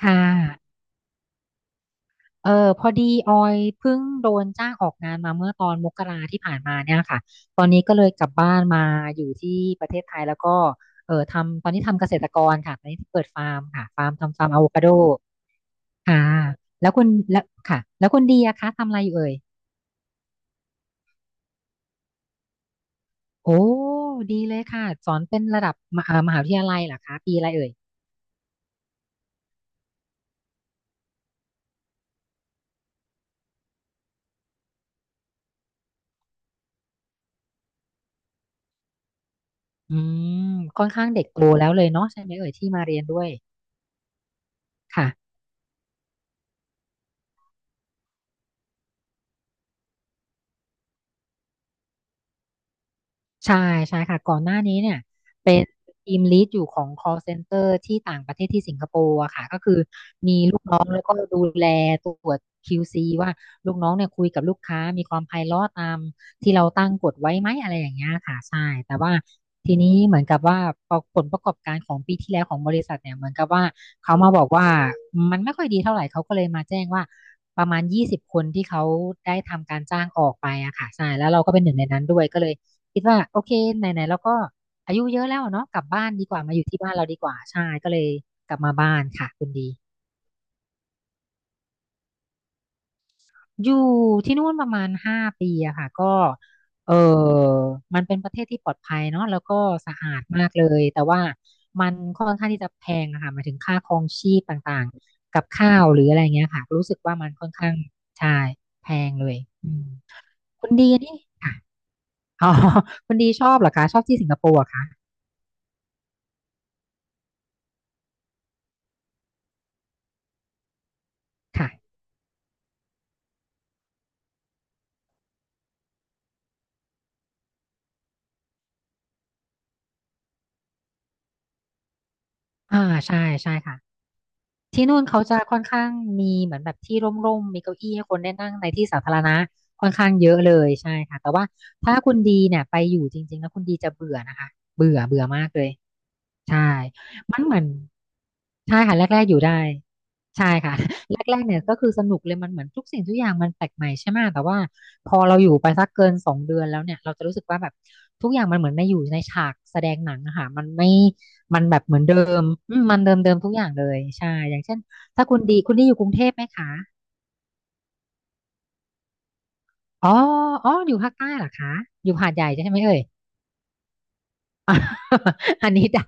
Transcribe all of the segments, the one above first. ค่ะ เออพอดีออยเพิ่งโดนจ้างออกงานมาเมื่อตอนมกราที่ผ่านมาเนี่ยค่ะตอนนี้ก็เลยกลับบ้านมาอยู่ที่ประเทศไทยแล้วก็เออทำตอนนี้ทำเกษตรกรค่ะตอนนี้เปิดฟาร์มค่ะฟาร์มทำฟาร์มอะโวคาโดค่ะแล้วคุณแล้วค่ะแล้วคุณดีอะคะทำอะไรอยู่เอ่ยโอ้ดีเลยค่ะสอนเป็นระดับมหาวิทยาลัยเหรอคะปีอะไรเอ่ยอืมค่อนข้างเด็กโตแล้วเลยเนาะใช่ไหมเอ่ยที่มาเรียนด้วยค่ะ ใช่ใช่ค่ะก่อนหน้านี้เนี่ยเป็นทีมลีดอยู่ของ call center ที่ต่างประเทศที่สิงคโปร์อะค่ะก็คือมีลูกน้องแล้วก็ดูแลตรวจ QC วซีว่าลูกน้องเนี่ยคุยกับลูกค้ามีความไพเราะตามที่เราตั้งกฎไว้ไหมอะไรอย่างเงี้ยค่ะใช่แต่ว่าทีนี้เหมือนกับว่าผลประกอบการของปีที่แล้วของบริษัทเนี่ยเหมือนกับว่าเขามาบอกว่ามันไม่ค่อยดีเท่าไหร่เขาก็เลยมาแจ้งว่าประมาณ20 คนที่เขาได้ทำการจ้างออกไปอะค่ะใช่แล้วเราก็เป็นหนึ่งในนั้นด้วยก็เลย คิดว่าโอเคไหนๆเราก็อายุเยอะแล้วอะเนาะกลับบ้านดีกว่ามาอยู่ที่บ้านเราดีกว่าใช่ก็เลยกลับมาบ้านค่ะคุณดีอยู่ที่นู่นประมาณ5 ปีอะค่ะก็เออมันเป็นประเทศที่ปลอดภัยเนาะแล้วก็สะอาดมากเลยแต่ว่ามันค่อนข้างที่จะแพงอะค่ะหมายถึงค่าครองชีพต่างๆกับข้าวหรืออะไรเงี้ยค่ะรู้สึกว่ามันค่อนข้างใช่แพงเลยอืมคุณดีนี่ค่ะอ๋อคุณดีชอบเหรอคะชอบที่สิงคโปร์เหรอคะค่ะอ่าใช่ใช่ค่ะ ที่นู่นเขาจะค่อนข้างมีเหมือนแบบที่ร่มๆมีเก้าอี้ให้คนได้นั่งในที่สาธารณะค่อนข้างเยอะเลยใช่ค่ะแต่ว่าถ้าคุณดีเนี่ยไปอยู่จริงๆแล้วคุณดีจะเบื่อนะคะเบื่อเบื่อมากเลย ใช่มันเหมือนใช่ค่ะแรกๆอยู่ได้ใช่ค่ะ แรกๆเนี่ยก็คือสนุกเลยมันเหมือนทุกสิ่งทุกอย่างมันแปลกใหม่ใช่ไหมแต่ว่าพอเราอยู่ไปสักเกิน2 เดือนแล้วเนี่ยเราจะรู้สึกว่าแบบทุกอย่างมันเหมือนในอยู่ในฉากแสดงหนังอะค่ะมันแบบเหมือนเดิมอืมมันเดิมเดิมทุกอย่างเลยใช่อย่างเช่นถ้าคุณดีอยู่กรุงเทพไหมคะอ๋ออ๋ออยู่ภาคใต้เหรอคะอยู่หาดใหญ่ใช่ไหมเอ่ย อันนี้เดา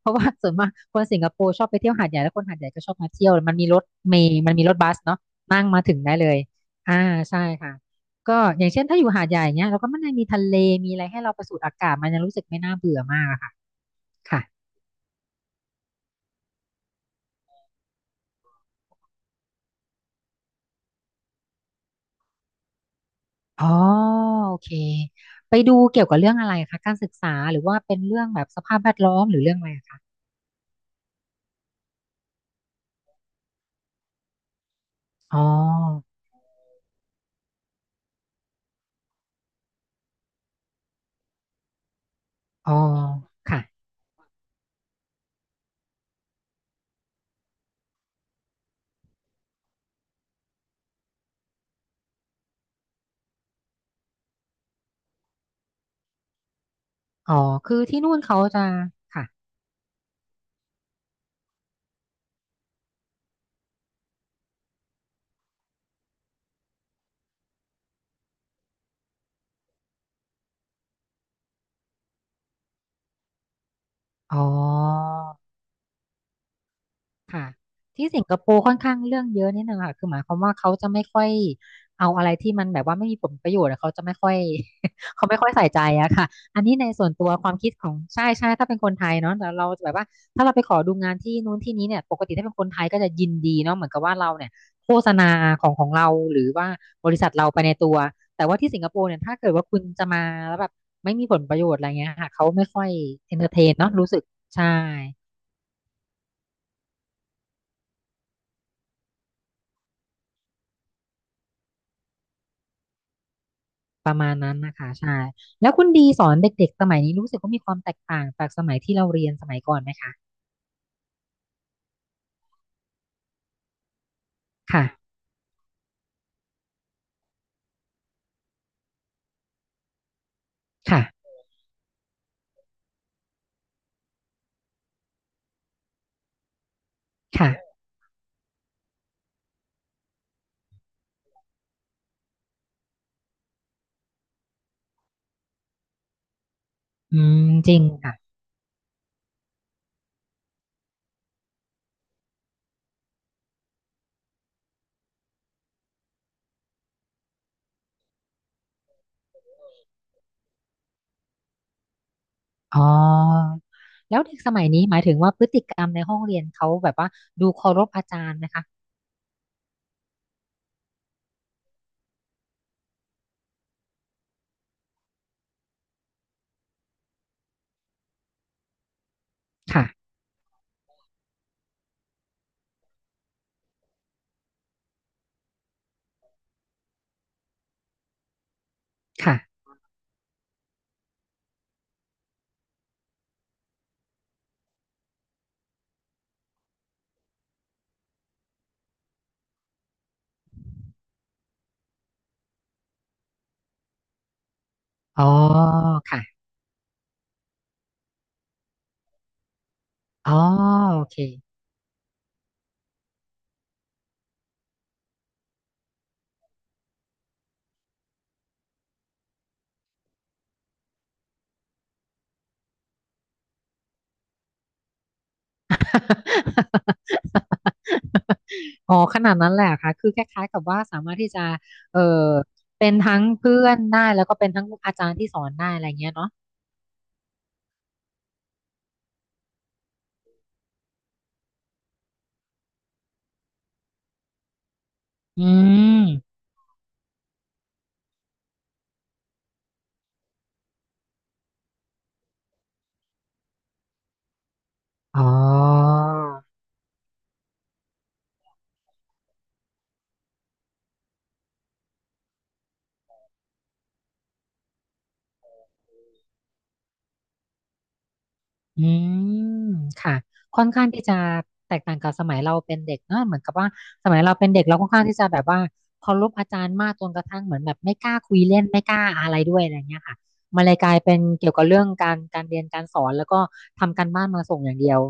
เพราะว่าส่วนมากคนสิงคโปร์ชอบไปเที่ยวหาดใหญ่แล้วคนหาดใหญ่ก็ชอบมาเที่ยวมันมีรถเมล์มันมีรถบัสเนาะนั่งมาถึงได้เลยอ่าใช่ค่ะก็อย่างเช่นถ้าอยู่หาดใหญ่เนี้ยเราก็มันยังมีทะเลมีอะไรให้เราไปสูดอากาศมันยังรู้สึกไม่น่าเบื่อมากอะค่ะค่ะอ๋อโอเคไปดูเกี่ยวกับเรื่องอะไรคะการศึกษาหรือว่าเป็นเรื่องแบบสภาพแวดล้อมหรือเรื่องอะไรอะคะอ๋ออ๋อค่ะอ๋อคือที่นู่นเขาจะค่ะอ๋อ ค่ะที่สิงคโปร์ค่อนข้างเรื่องเยอะนิดนึงค่ะคือหมายความว่าเขาจะไม่ค่อยเอาอะไรที่มันแบบว่าไม่มีผลประโยชน์อะเขาจะไม่ค่อย เขาไม่ค่อยใส่ใจอะค่ะอันนี้ในส่วนตัวความคิดของใช่ใช่ถ้าเป็นคนไทยเนาะแต่เราจะแบบว่าถ้าเราไปขอดูงานที่นู้นที่นี้เนี่ยปกติถ้าเป็นคนไทยก็จะยินดีเนาะเหมือนกับว่าเราเนี่ยโฆษณาของของเราหรือว่าบริษัทเราไปในตัวแต่ว่าที่สิงคโปร์เนี่ยถ้าเกิดว่าคุณจะมาแล้วแบบไม่มีผลประโยชน์อะไรเงี้ยค่ะเขาไม่ค่อยเอนเตอร์เทนเนาะรู้สึกใช่ ประมาณนั้นนะคะใช่แล้วคุณดีสอนเด็กๆสมัยนี้รู้สึกว่ามีความแตกต่างจากสมัยที่เราเรียนสมัยก่อนไหมคะค่ะค่ะค่ะอืมจริงค่ะอ๋อแล้วเด็กสมัยนี้หมายถึงว่าพฤติกรรมในห้องเรียนเขาแบบว่าดูเคารพอาจารย์นะคะค่ะค่ะอ๋อค่ะอ๋อโอเค อ๋อขนาดนั้นแหละค่ะคือคล้ายๆกับว่าสามารถที่จะเออเป็นทั้งเพื่อนได้แล้วก็เป็นทั้งอาจารย์ที่สอนได้อะไรเงี้ยเนาะ อืมอ๋ออืมค่ะค่อนข้างที่จะแตกต่างกับสมัยเราเป็นเด็กเนอะเหมือนกับว่าสมัยเราเป็นเด็กเราค่อนข้างที่จะแบบว่าเคารพอาจารย์มากจนกระทั่งเหมือนแบบไม่กล้าคุยเล่นไม่กล้าอะไรด้วยอะไรเงี้ยค่ะมันเลยกลายเป็นเกี่ยวกับเรื่องการเรียนการสอนแล้วก็ทำการบ้านมาส่งอย่างเดียว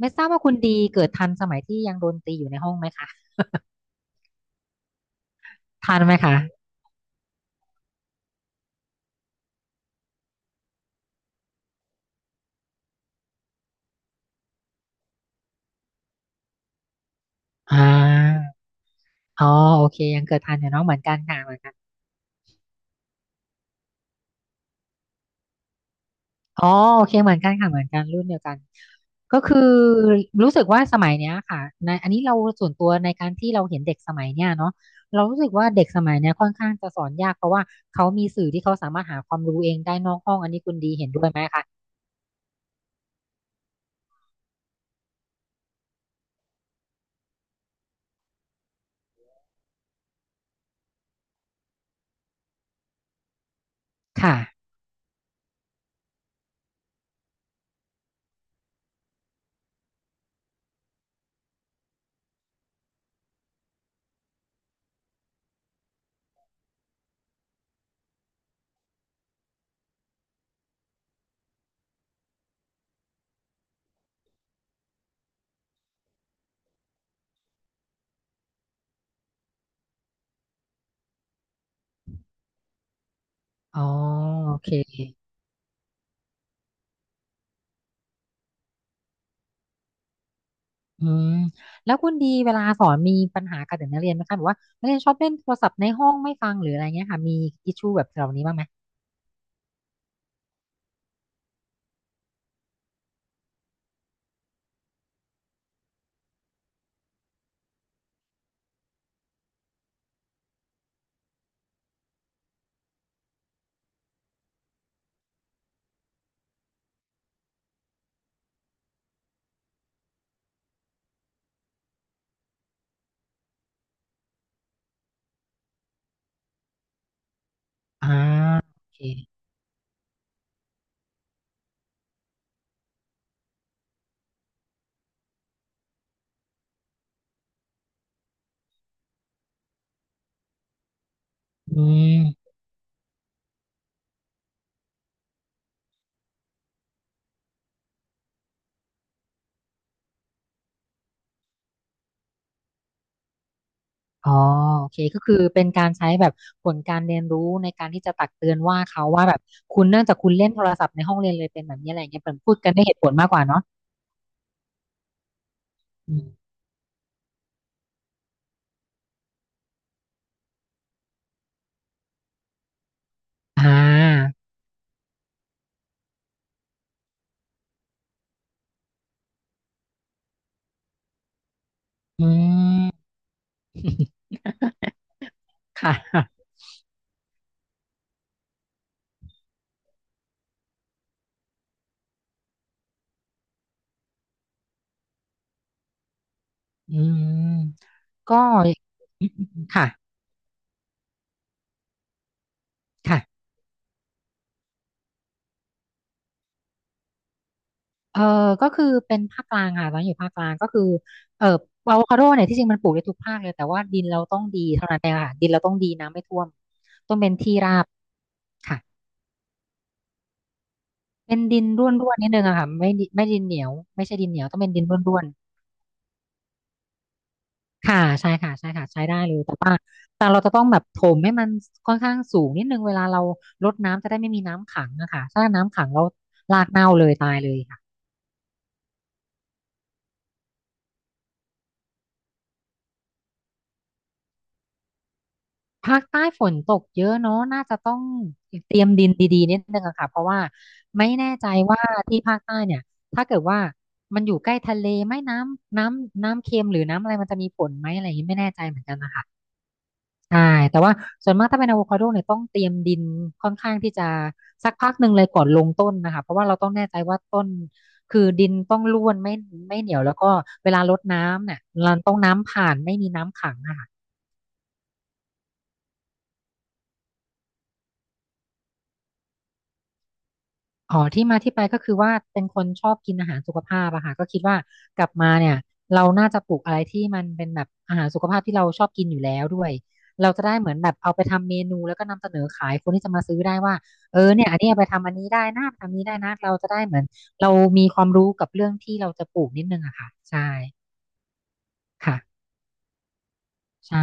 ไม่ทราบว่าคุณดีเกิดทันสมัยที่ยังโดนตีอยู่ในห้องไหมคะทันไหมคะอ่าอ๋อโอเคยังเกิดทันอยู่เนาะเหมือนกันค่ะเหมือนกัน อ๋อโอเคเหมือนกันค่ะเหมือนกันรุ่นเดียวกันก็คือรู้สึกว่าสมัยเนี้ยค่ะในอันนี้เราส่วนตัวในการที่เราเห็นเด็กสมัยเนี้ยเนาะเรารู้สึกว่าเด็กสมัยเนี้ยค่อนข้างจะสอนยากเพราะว่าเขามีสื่อที่เขาสามารถหาความรู้เองได้นอกห้องอันนี้คุณดีเห็นด้วยไหมคะค่ะอ๋อโอเคอืมแล้วคุณดีเวลาสอนมีปัญหากับเด็กนักเรียนไหมคะแบบว่านักเรียนชอบเล่นโทรศัพท์ในห้องไม่ฟังหรืออะไรเงี้ยค่ะมีอิชชูแบบเหล่านี้บ้างไหมอ่าโอเคอืม อ๋อโอเคก็คือเป็นการใช้แบบผลการเรียนรู้ในการที่จะตักเตือนว่าเขาว่าแบบคุณเนื่องจากคุณเล่นโทรศัพท์ในห้องเรียนเลยเป็นแบบนี้อะไรอย่างเงี้ยเป็นพูดกันด้วยเหตุผลมากกว่าเนาะอืมอ่า อืม ค่ะอืมก็ค่ะค่ะเออก็คือเป็นภาคกลางค่ะตอนนอยู่ภาคกลางก็คือเอออะโวคาโดเนี่ยที่จริงมันปลูกได้ทุกภาคเลยแต่ว่าดินเราต้องดีเท่านั้นเองค่ะดินเราต้องดีน้ำไม่ท่วมต้องเป็นที่ราบค่ะ เป็นดินร่วนๆนิดนึงอะค่ะไม่ดินเหนียวไม่ใช่ดินเหนียวต้องเป็นดินร่วนๆค่ะใช่ค่ะใช่ค่ะใช้ได้เลยแต่ว่าแต่เราจะต้องแบบถมให้มันค่อนข้างสูงนิดนึงเวลาเรารดน้ำจะได้ไม่มีน้ำขังอะค่ะถ้าน้ำขังเรารากเน่าเลยตายเลยค่ะภาคใต้ฝนตกเยอะเนาะน่าจะต้องเตรียมดินดีๆนิดนึงอะค่ะเพราะว่าไม่แน่ใจว่าที่ภาคใต้เนี่ยถ้าเกิดว่ามันอยู่ใกล้ทะเลไหม่น้ำเค็มหรือน้ำอะไรมันจะมีผลไหมอะไรอย่างนี้ไม่แน่ใจเหมือนกันนะคะ ใช่แต่ว่าส่วนมากถ้าเป็นอะโวคาโดเนี่ยต้องเตรียมดินค่อนข้างที่จะสักพักหนึ่งเลยก่อนลงต้นนะคะเพราะว่าเราต้องแน่ใจว่าต้นคือดินต้องร่วนไม่เหนียวแล้วก็เวลารดน้ำเนี่ยเราต้องน้ำผ่านไม่มีน้ำขังนะคะ อ๋อที่มาที่ไปก็คือว่าเป็นคนชอบกินอาหารสุขภาพอะค่ะก็คิดว่ากลับมาเนี่ยเราน่าจะปลูกอะไรที่มันเป็นแบบอาหารสุขภาพที่เราชอบกินอยู่แล้วด้วยเราจะได้เหมือนแบบเอาไปทำเมนูแล้วก็นำเสนอขายคนที่จะมาซื้อได้ว่าเออเนี่ยอันนี้เอาไปทำอันนี้ได้นะทำนี้ได้นะเราจะได้เหมือนเรามีความรู้กับเรื่องที่เราจะปลูกนิดนึงอะค่ะใช่ค่ะใช่